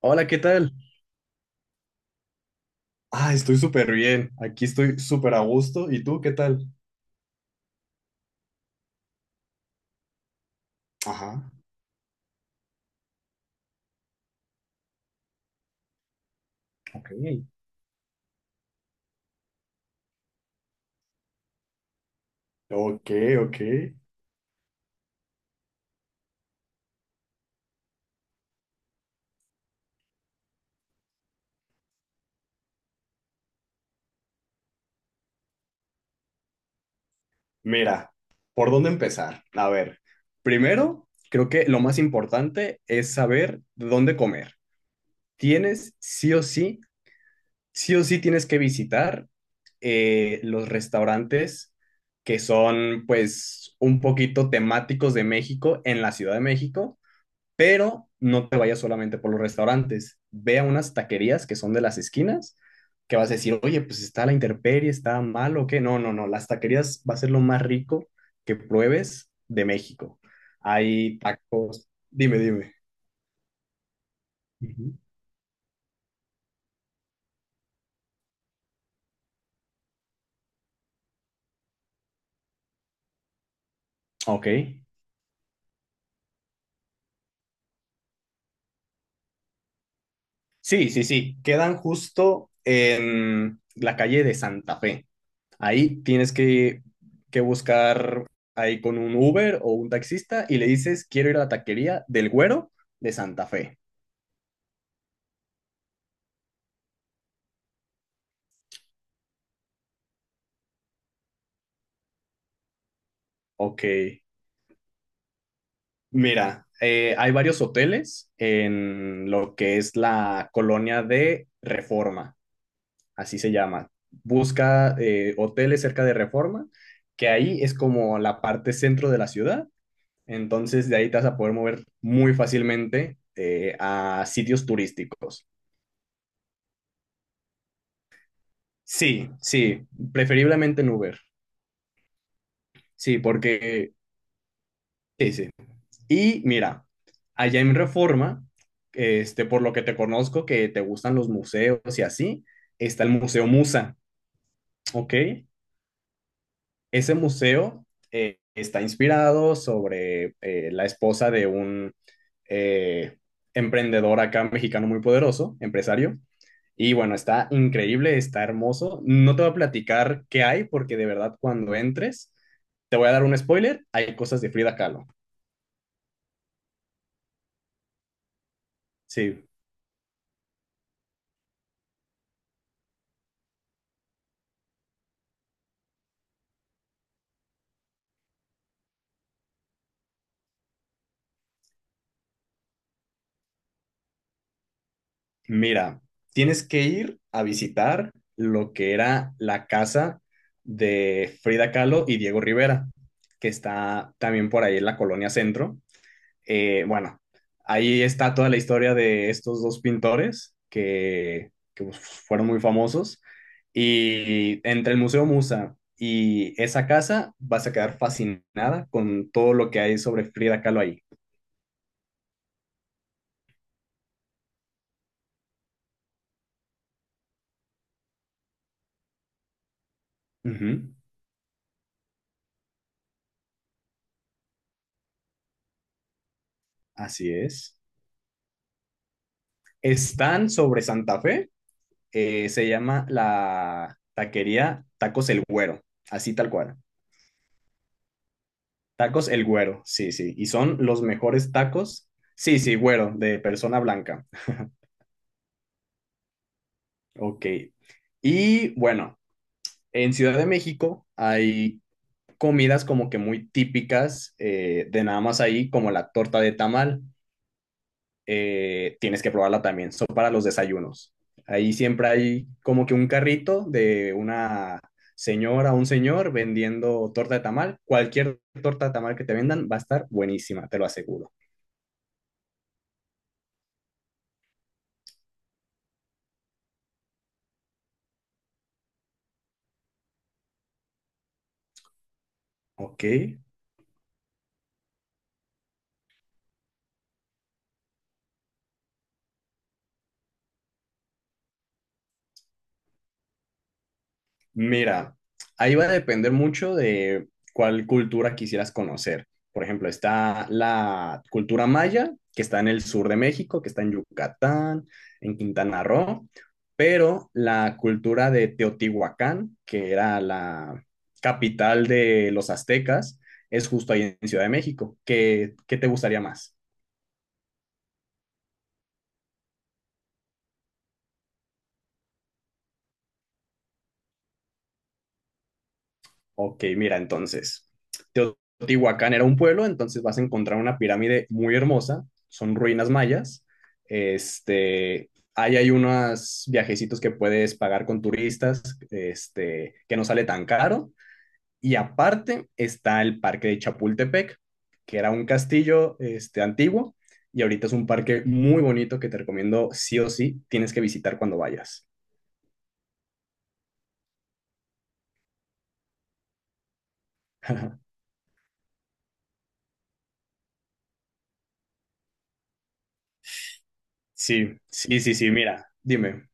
Hola, ¿qué tal? Ah, estoy súper bien. Aquí estoy súper a gusto. ¿Y tú qué tal? Ajá. Ok. Ok, ok. Mira, ¿por dónde empezar? A ver, primero, creo que lo más importante es saber dónde comer. Tienes sí o sí tienes que visitar los restaurantes que son pues un poquito temáticos de México en la Ciudad de México, pero no te vayas solamente por los restaurantes. Ve a unas taquerías que son de las esquinas, que vas a decir, oye, pues está la intemperie, está mal o qué. No, no, no, las taquerías va a ser lo más rico que pruebes de México. Hay tacos. Dime, dime. Ujú. Ok. Sí, sí, sí. Quedan justo en la calle de Santa Fe. Ahí tienes que buscar ahí con un Uber o un taxista y le dices, quiero ir a la taquería del Güero de Santa Fe. Ok, mira, hay varios hoteles en lo que es la colonia de Reforma, así se llama. Busca hoteles cerca de Reforma, que ahí es como la parte centro de la ciudad, entonces de ahí te vas a poder mover muy fácilmente a sitios turísticos. Sí, sí, preferiblemente en Uber, sí, porque... Sí, sí. Y mira, allá en Reforma, este, por lo que te conozco, que te gustan los museos y así, está el Museo Musa, ¿ok? Ese museo está inspirado sobre la esposa de un eh, emprendedor acá mexicano muy poderoso, empresario. Y bueno, está increíble, está hermoso. No te voy a platicar qué hay, porque de verdad cuando entres, te voy a dar un spoiler, hay cosas de Frida Kahlo. Sí. Mira, tienes que ir a visitar lo que era la casa de Frida Kahlo y Diego Rivera, que está también por ahí en la Colonia Centro. Bueno, ahí está toda la historia de estos dos pintores que pues, fueron muy famosos. Y entre el Museo Musa y esa casa vas a quedar fascinada con todo lo que hay sobre Frida Kahlo ahí. Ujú. Así es. Están sobre Santa Fe. Se llama la taquería Tacos El Güero, así tal cual. Tacos El Güero, sí, sí. Y son los mejores tacos. Sí, sí, güero, de persona blanca. Ok. Y bueno, en Ciudad de México hay comidas como que muy típicas de nada más ahí, como la torta de tamal. Eh, tienes que probarla también. Son para los desayunos. Ahí siempre hay como que un carrito de una señora o un señor vendiendo torta de tamal. Cualquier torta de tamal que te vendan va a estar buenísima, te lo aseguro. Ok. Mira, ahí va a depender mucho de cuál cultura quisieras conocer. Por ejemplo, está la cultura maya, que está en el sur de México, que está en Yucatán, en Quintana Roo, pero la cultura de Teotihuacán, que era la capital de los aztecas, es justo ahí en Ciudad de México. ¿Qué, qué te gustaría más? Ok, mira, entonces, Teotihuacán era un pueblo, entonces vas a encontrar una pirámide muy hermosa, son ruinas mayas. Este, ahí hay unos viajecitos que puedes pagar con turistas, este, que no sale tan caro. Y aparte está el parque de Chapultepec, que era un castillo, este, antiguo, y ahorita es un parque muy bonito que te recomiendo sí o sí, tienes que visitar cuando vayas. Sí, sí, sí, sí, mira, dime.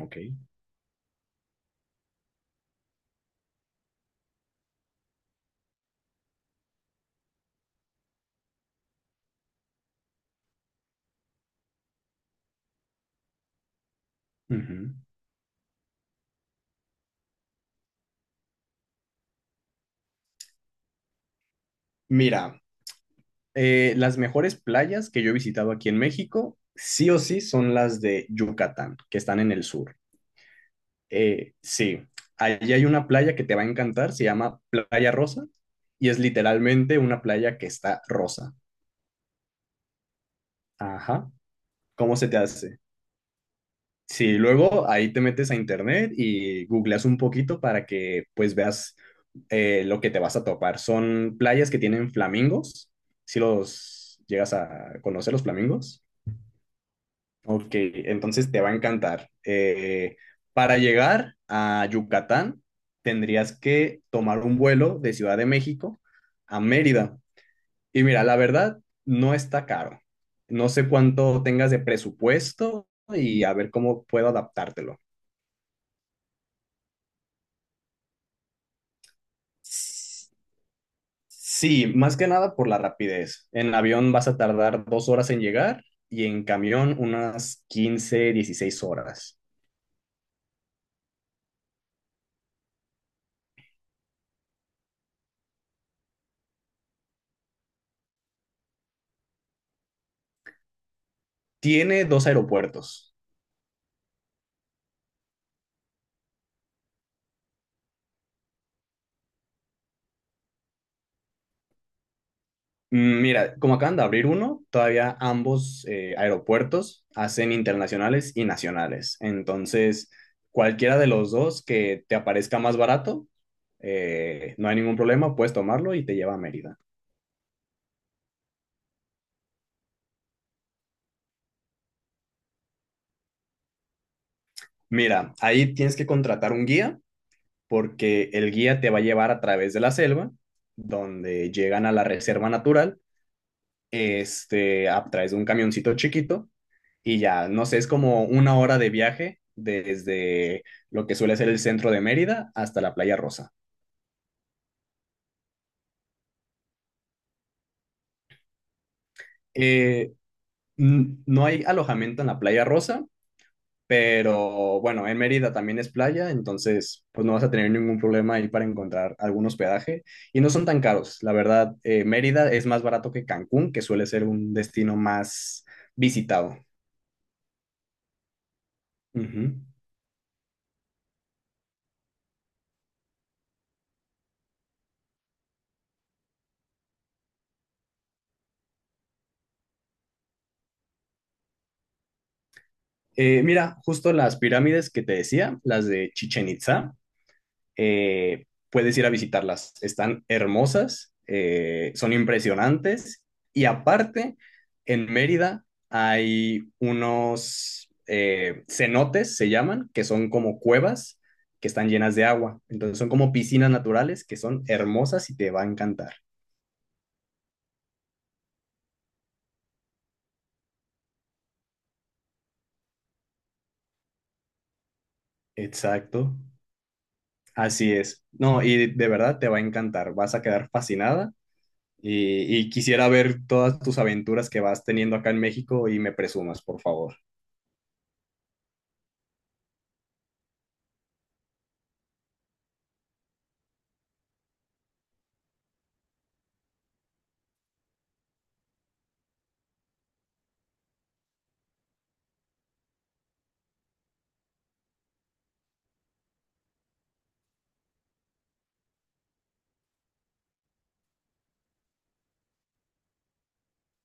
Ok. Ujú. Mira, las mejores playas que yo he visitado aquí en México, sí o sí, son las de Yucatán, que están en el sur. Sí, allí hay una playa que te va a encantar, se llama Playa Rosa, y es literalmente una playa que está rosa. Ajá, ¿cómo se te hace? Sí, luego ahí te metes a internet y googleas un poquito para que pues veas lo que te vas a topar. Son playas que tienen flamingos, si los llegas a conocer los flamingos. Ok, entonces te va a encantar. Para llegar a Yucatán, tendrías que tomar un vuelo de Ciudad de México a Mérida. Y mira, la verdad, no está caro. No sé cuánto tengas de presupuesto y a ver cómo puedo adaptártelo. S- Sí, más que nada por la rapidez. En avión vas a tardar dos horas en llegar y en camión unas 15, 16 horas. Tiene dos aeropuertos. Mm, mira, como acaban de abrir uno, todavía ambos aeropuertos hacen internacionales y nacionales. Entonces, cualquiera de los dos que te aparezca más barato, no hay ningún problema, puedes tomarlo y te lleva a Mérida. Mira, ahí tienes que contratar un guía porque el guía te va a llevar a través de la selva, donde llegan a la reserva natural, este, a través de un camioncito chiquito y ya, no sé, es como una hora de viaje desde lo que suele ser el centro de Mérida hasta la Playa Rosa. Eh, no hay alojamiento en la Playa Rosa, pero bueno, en Mérida también es playa, entonces pues no vas a tener ningún problema ahí para encontrar algún hospedaje y no son tan caros. La verdad, Mérida es más barato que Cancún, que suele ser un destino más visitado. Ujú. Mira, justo las pirámides que te decía, las de Chichen Itza, puedes ir a visitarlas. Están hermosas, son impresionantes y aparte, en Mérida hay unos cenotes, se llaman, que son como cuevas que están llenas de agua. Entonces son como piscinas naturales que son hermosas y te va a encantar. Exacto, así es. No, y de verdad te va a encantar, vas a quedar fascinada. Y quisiera ver todas tus aventuras que vas teniendo acá en México y me presumas, por favor.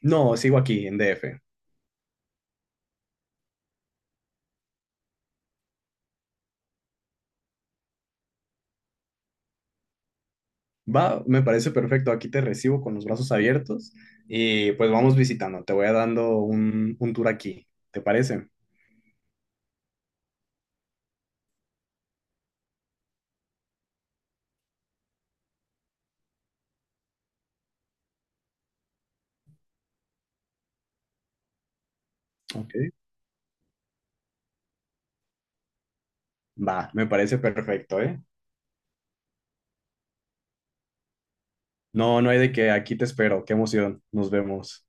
No, sigo aquí en DF. Va, me parece perfecto. Aquí te recibo con los brazos abiertos y pues vamos visitando. Te voy a dando un tour aquí. ¿Te parece? Ok. Va, me parece perfecto, ¿eh? No, no hay de qué, aquí te espero. Qué emoción. Nos vemos.